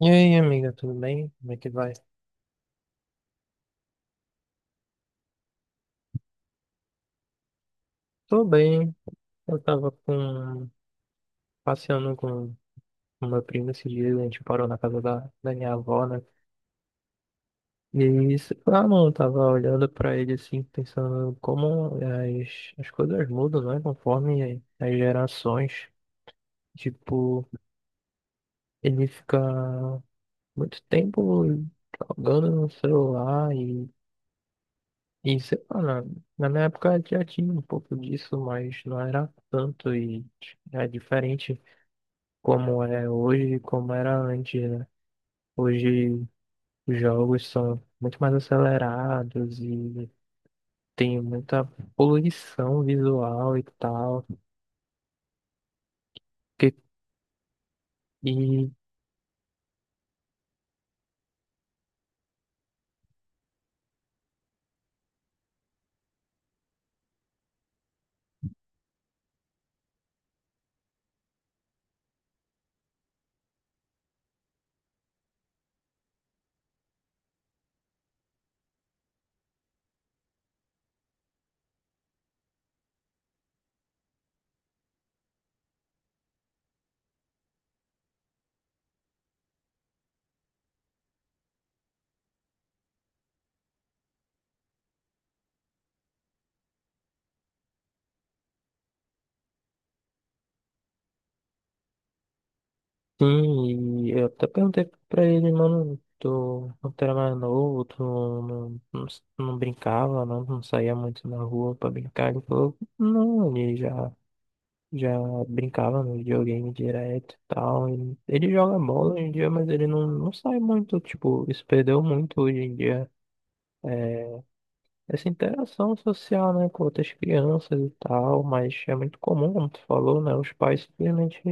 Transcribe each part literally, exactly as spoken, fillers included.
E aí, amiga, tudo bem? Como é que vai? Tô bem. Eu tava com... passeando com o meu primo esses dias, a gente parou na casa da, da minha avó, né? E isso, ah, não, eu tava olhando pra ele assim, pensando como as, as coisas mudam, né? Conforme as gerações. Tipo, ele fica muito tempo jogando no celular e, e sei lá, na, na minha época já tinha um pouco disso, mas não era tanto e é diferente como é hoje e como era antes, né? Hoje os jogos são muito mais acelerados e tem muita poluição visual e tal. Que, e Sim, e eu até perguntei pra ele, mano, tu quando tu era mais novo, tu não, não, não brincava, não, não saía muito na rua pra brincar. Ele falou, não, ele já. Já brincava no videogame direto e tal. E ele joga bola hoje em dia, mas ele não, não sai muito. Tipo, isso perdeu muito hoje em dia. é, Essa interação social, né, com outras crianças e tal. Mas é muito comum, como tu falou, né? Os pais simplesmente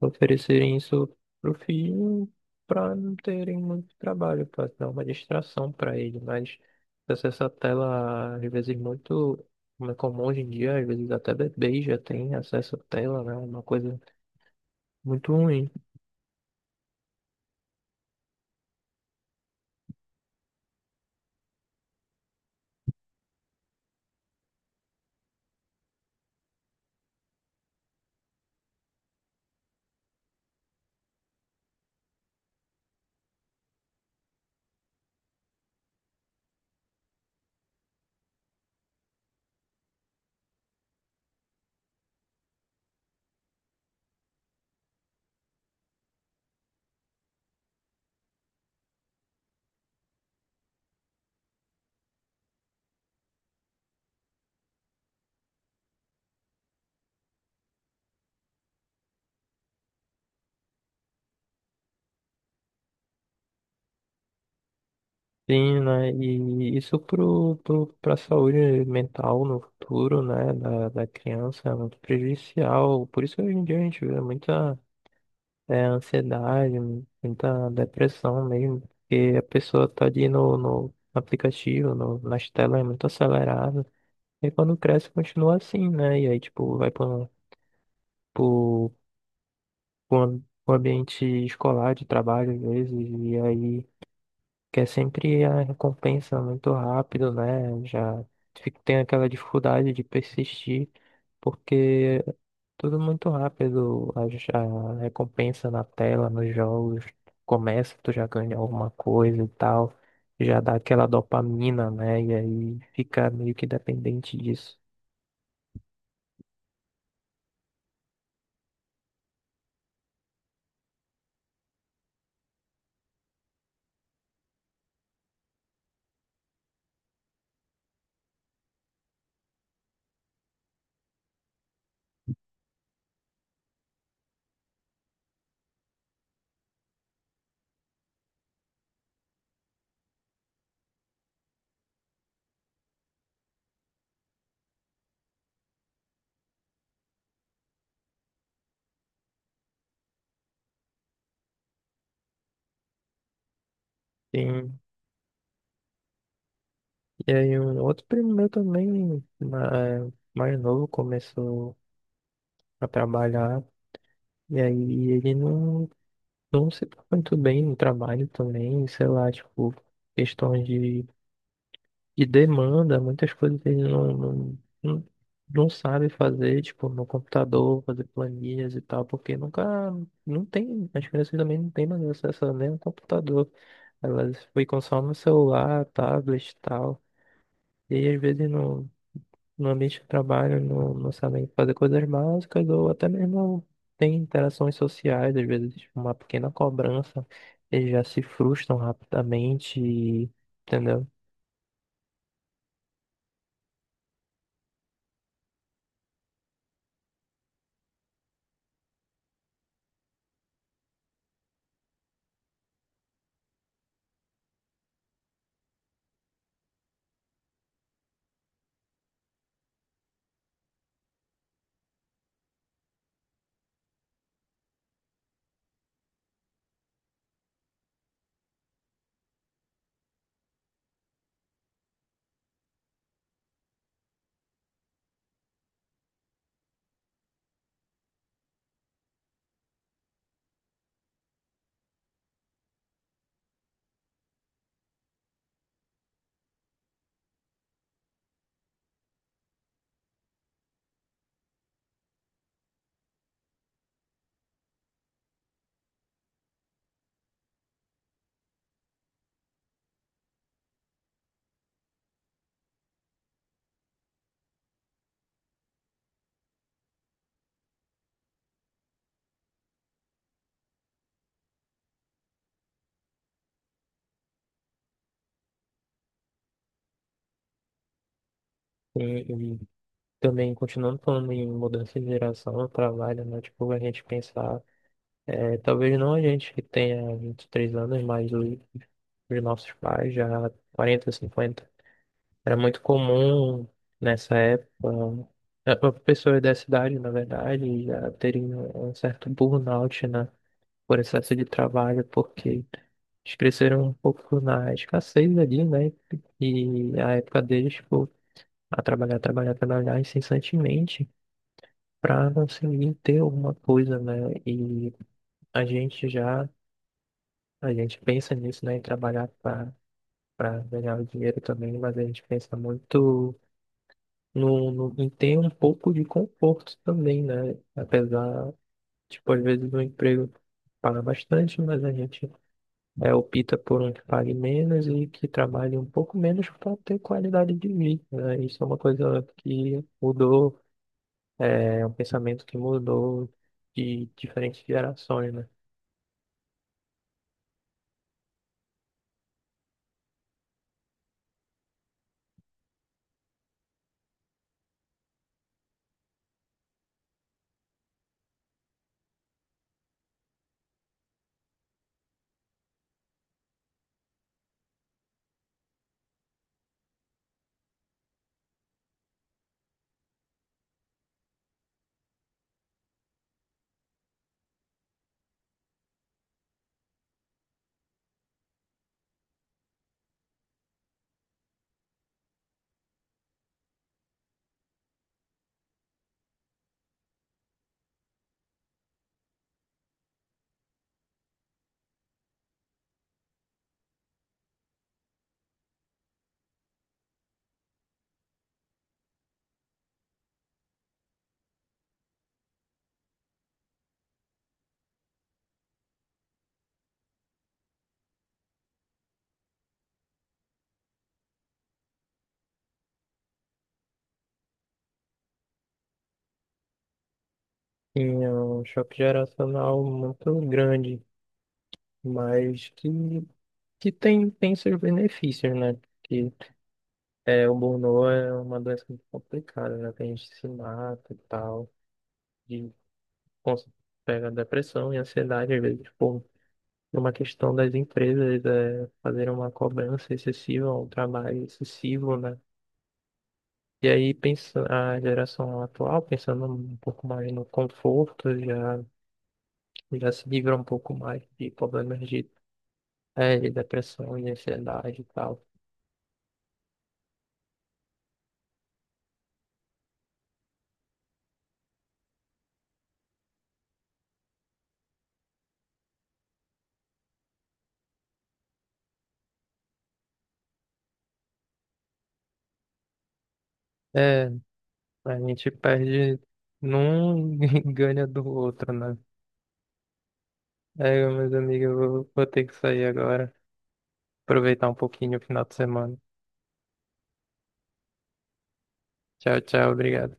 oferecerem isso pro filho para não terem muito trabalho, para dar uma distração para ele. Mas essa essa tela, às vezes, muito. Como é comum hoje em dia, às vezes até bebês já têm acesso à tela, né? Uma coisa muito ruim. Sim, né? E isso pro, pro, pra saúde mental no futuro, né? Da, da criança é muito prejudicial. Por isso que hoje em dia a gente vê muita é, ansiedade, muita depressão mesmo. Porque a pessoa tá ali no, no aplicativo, no, nas telas, é muito acelerada. E quando cresce, continua assim, né? E aí, tipo, vai para pro, pro, pro um ambiente escolar, de trabalho, às vezes. E aí, que é sempre a recompensa muito rápido, né? Já fica- tem aquela dificuldade de persistir, porque é tudo muito rápido, a, j- a recompensa na tela, nos jogos, começa, tu já ganha alguma coisa e tal, já dá aquela dopamina, né? E aí fica meio que dependente disso. Sim. E aí um outro primo meu também, ma- é, mais novo, começou a trabalhar. E aí ele não Não se dá muito bem no trabalho também, sei lá, tipo, questões de, de demanda, muitas coisas ele não, não, não, não sabe fazer, tipo, no computador, fazer planilhas e tal, porque nunca, não tem, as crianças também não têm mais acesso nem ao computador, elas ficam só no celular, tablet e tal, e aí às vezes não, no ambiente de trabalho não, não sabem fazer coisas básicas ou até mesmo tem interações sociais, às vezes tipo, uma pequena cobrança, eles já se frustram rapidamente, e- entendeu? E, e também, continuando falando em mudança de geração no trabalho, né? Tipo, a gente pensar, é, talvez não a gente que tenha vinte e três anos, mas os os nossos pais já quarenta, cinquenta. Era muito comum nessa época, eh, pessoas da cidade, na verdade, já terem um certo burnout, né, por excesso de trabalho, porque eles cresceram um pouco na escassez ali, né, e a época deles, tipo, a trabalhar, trabalhar, trabalhar incessantemente para conseguir ter alguma coisa, né, e a gente já, a gente pensa nisso, né, em trabalhar para para ganhar o dinheiro também, mas a gente pensa muito no, no, e tem um pouco de conforto também, né? Apesar, tipo, às vezes o emprego paga bastante, mas a gente é, opta por um que pague menos e que trabalhe um pouco menos para ter qualidade de vida, né? Isso é uma coisa que mudou, é um pensamento que mudou de diferentes gerações, né? Tinha um choque geracional muito grande, mas que, que tem, tem seus benefícios, né? É, o burnout é uma doença muito complicada, né? Tem gente que se mata e tal, de cons- pega depressão e ansiedade, às vezes, tipo, por uma questão das empresas é, fazerem uma cobrança excessiva, um trabalho excessivo, né? E aí pensa, a geração atual, pensando um pouco mais no conforto, já, já se livra um pouco mais de problemas de, é, de depressão e ansiedade e tal. É, a gente perde num e ganha do outro, né? É, meus amigos, eu vou, vou ter que sair agora. Aproveitar um pouquinho o final de semana. Tchau, tchau, obrigado.